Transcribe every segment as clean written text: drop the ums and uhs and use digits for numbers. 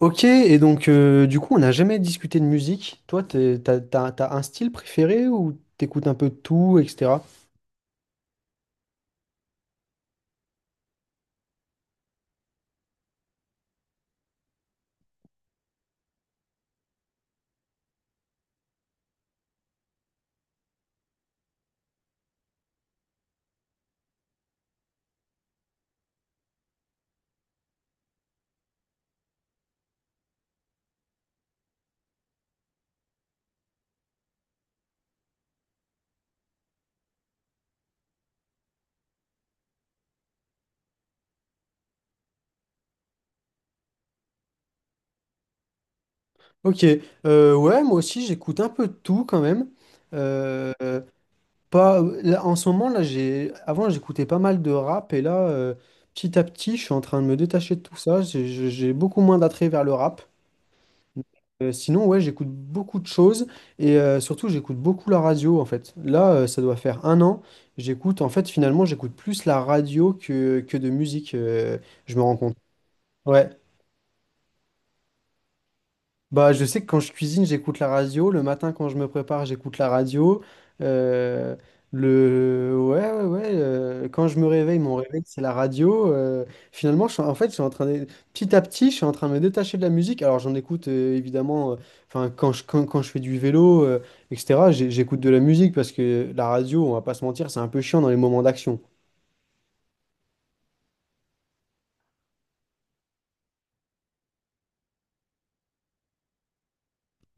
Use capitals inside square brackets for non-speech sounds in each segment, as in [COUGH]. Ok, et donc du coup, on n'a jamais discuté de musique. Toi, t'as un style préféré ou t'écoutes un peu de tout, etc. Ok, ouais, moi aussi, j'écoute un peu de tout quand même. Euh, euh, pas, là, en ce moment, là, j'ai, avant, j'écoutais pas mal de rap et là, petit à petit, je suis en train de me détacher de tout ça. J'ai beaucoup moins d'attrait vers le rap. Sinon, ouais, j'écoute beaucoup de choses et surtout, j'écoute beaucoup la radio en fait. Là, ça doit faire un an. J'écoute, en fait, finalement, j'écoute plus la radio que de musique. Je me rends compte. Ouais. Bah, je sais que quand je cuisine, j'écoute la radio. Le matin, quand je me prépare, j'écoute la radio. Euh, Ouais, ouais, ouais. Quand je me réveille, mon réveil, c'est la radio. Finalement, en fait, je suis en train de... petit à petit, je suis en train de me détacher de la musique. Alors, j'en écoute évidemment, enfin, quand je fais du vélo, etc., j'écoute de la musique parce que la radio, on va pas se mentir, c'est un peu chiant dans les moments d'action.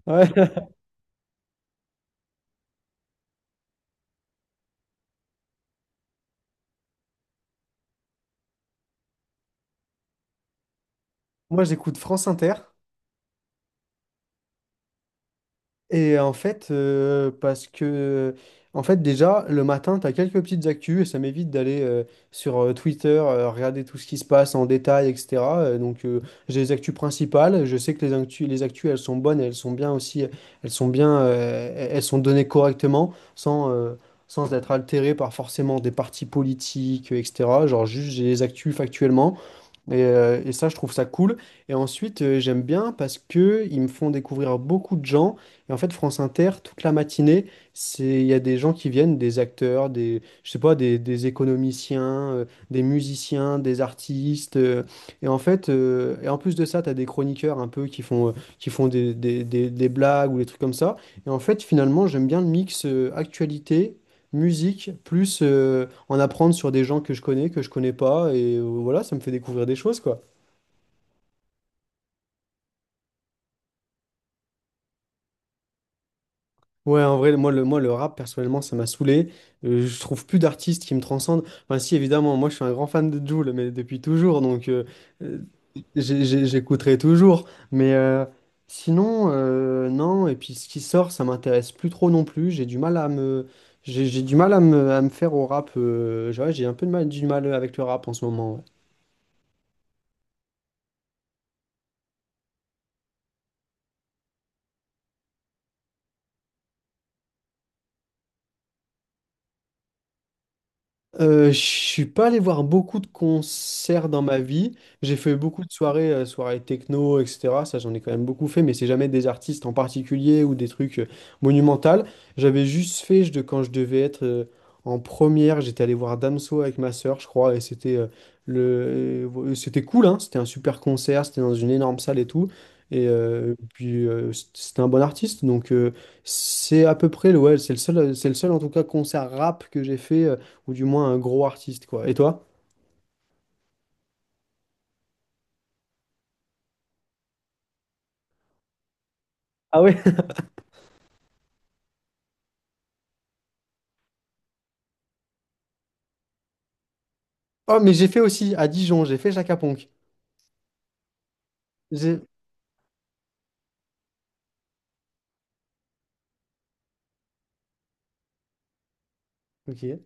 Ouais. [LAUGHS] Moi, j'écoute France Inter. Et en fait, parce que, en fait, déjà, le matin, tu as quelques petites actus et ça m'évite d'aller sur Twitter, regarder tout ce qui se passe en détail, etc. Donc, j'ai les actus principales. Je sais que les actus, elles sont bonnes et elles sont bien aussi. Elles sont bien, elles sont données correctement, sans être altérées par forcément des partis politiques, etc. Genre, juste, j'ai les actus factuellement. Et ça, je trouve ça cool. Et ensuite, j'aime bien parce que ils me font découvrir beaucoup de gens. Et en fait, France Inter, toute la matinée, c'est il y a des gens qui viennent, des acteurs, des je sais pas, des économiciens, des musiciens, des artistes. Et en fait, et en plus de ça, tu as des chroniqueurs un peu qui font des blagues ou des trucs comme ça. Et en fait, finalement, j'aime bien le mix actualité musique, plus en apprendre sur des gens que je connais pas, et voilà, ça me fait découvrir des choses, quoi. Ouais, en vrai, moi, le rap, personnellement, ça m'a saoulé. Je trouve plus d'artistes qui me transcendent. Enfin, si, évidemment, moi, je suis un grand fan de Jul, mais depuis toujours, donc euh, j'écouterai toujours. Mais sinon, non, et puis ce qui sort, ça m'intéresse plus trop non plus. J'ai du mal à me... J'ai du mal à me faire au rap. J'ai, ouais, j'ai un peu de mal, du mal avec le rap en ce moment. Ouais. Je suis pas allé voir beaucoup de concerts dans ma vie. J'ai fait beaucoup de soirées, soirées techno, etc. Ça, j'en ai quand même beaucoup fait, mais c'est jamais des artistes en particulier ou des trucs monumentaux. J'avais juste fait, je, de- Quand je devais être en première, j'étais allé voir Damso avec ma sœur, je crois, et c'était cool, hein. C'était un super concert, c'était dans une énorme salle et tout. Et puis c'était un bon artiste, donc c'est à peu près ouais, c'est le seul en tout cas concert rap que j'ai fait. Ou du moins un gros artiste, quoi. Et toi? Ah ouais? [LAUGHS] Oh, mais j'ai fait aussi à Dijon, j'ai fait Jacques à. J'ai... Ok.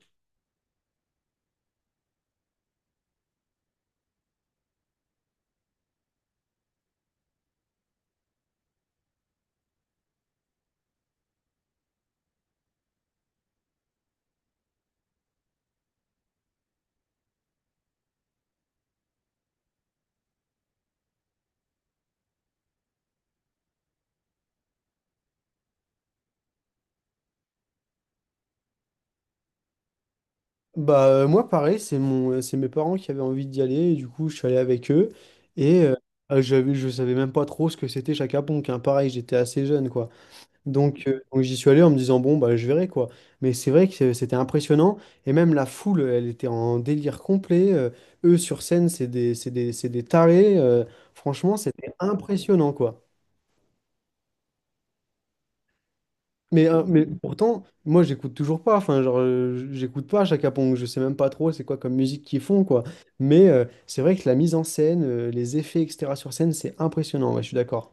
Bah, moi, pareil, c'est mes parents qui avaient envie d'y aller, et du coup, je suis allé avec eux, et j'avais, je savais même pas trop ce que c'était Jacques à, hein. Pareil, j'étais assez jeune, quoi. Donc j'y suis allé en me disant, bon, bah, je verrai, quoi. Mais c'est vrai que c'était impressionnant, et même la foule, elle était en délire complet. Eux, sur scène, c'est des tarés. Franchement, c'était impressionnant, quoi. Mais pourtant, moi, j'écoute toujours pas. Enfin, genre, j'écoute pas Chaka Pong. Je sais même pas trop c'est quoi comme musique qu'ils font, quoi. Mais c'est vrai que la mise en scène, les effets, etc. sur scène, c'est impressionnant. Ouais, je suis d'accord.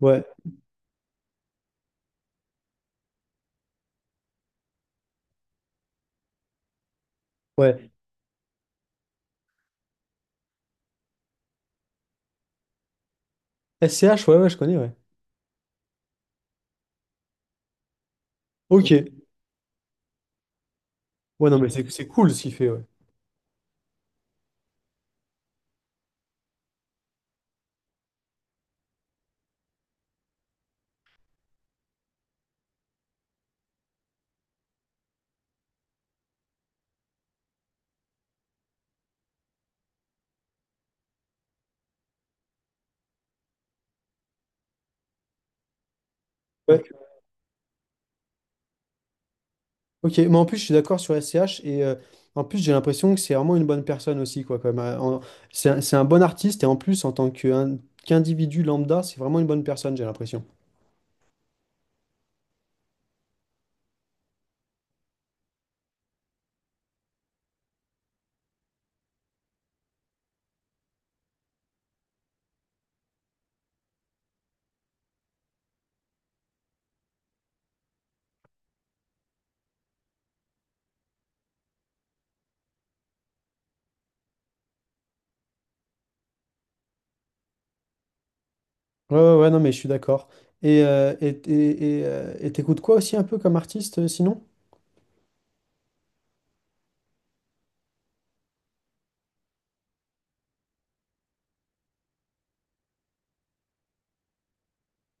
Ouais, ouais. SCH, ouais, ouais, je connais, ouais. Ok. Ouais, non, mais c'est cool ce qu'il fait, ouais. Ouais. Ok, mais en plus, je suis d'accord sur SCH. Et en plus, j'ai l'impression que c'est vraiment une bonne personne aussi, quoi. Comme, c'est un bon artiste. Et en plus, en tant que- un- qu'individu lambda, c'est vraiment une bonne personne, j'ai l'impression. Ouais, ouais, ouais, non, mais je suis d'accord. Et t'écoutes quoi aussi un peu comme artiste sinon?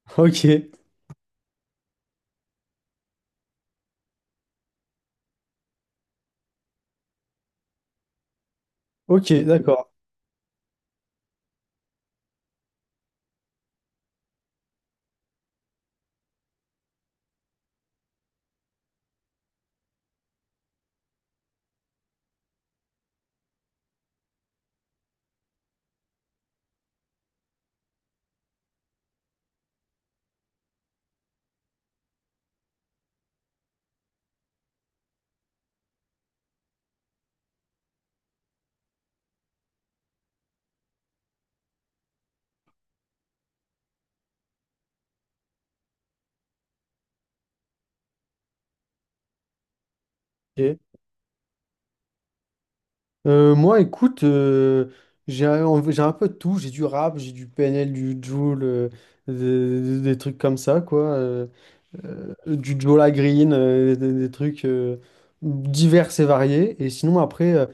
[LAUGHS] Ok, ok, d'accord. Ok. Moi, écoute, j'ai un peu de tout. J'ai du rap, j'ai du PNL, du Jul, des trucs comme ça, quoi. Du Jola Green, des trucs divers et variés. Et sinon, après,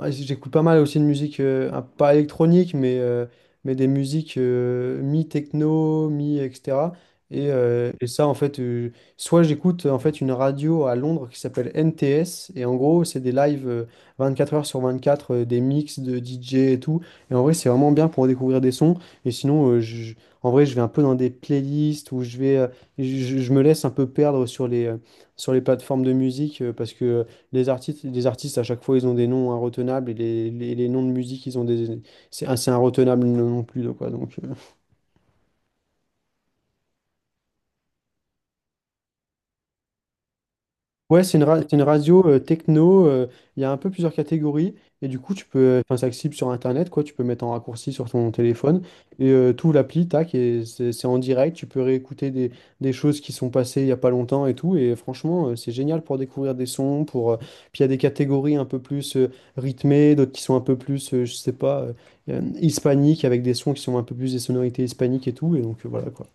ouais, j'écoute pas mal aussi de musique, pas électronique, mais des musiques mi-techno, mi, etc. Et ça, en fait, soit j'écoute en fait une radio à Londres qui s'appelle NTS, et en gros, c'est des lives 24 heures sur 24, des mix de DJ et tout. Et en vrai, c'est vraiment bien pour découvrir des sons. Et sinon, en vrai, je vais un peu dans des playlists où je me laisse un peu perdre sur sur les plateformes de musique parce que les artistes, à chaque fois, ils ont des noms inretenables et les noms de musique, ils ont des. C'est inretenable non plus, donc, quoi. Donc, ouais, c'est une radio techno, il y a un peu plusieurs catégories, et du coup, tu peux, enfin, c'est accessible sur Internet, quoi, tu peux mettre en raccourci sur ton téléphone, et tout l'appli, tac, et c'est en direct, tu peux réécouter des, choses qui sont passées il y a pas longtemps et tout, et franchement, c'est génial pour découvrir des sons, pour, puis il y a des catégories un peu plus rythmées, d'autres qui sont un peu plus, je sais pas, hispaniques, avec des sons qui sont un peu plus des sonorités hispaniques et tout, et donc voilà, quoi.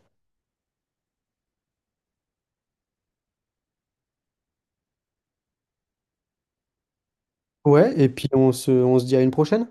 Ouais, et puis on se dit à une prochaine.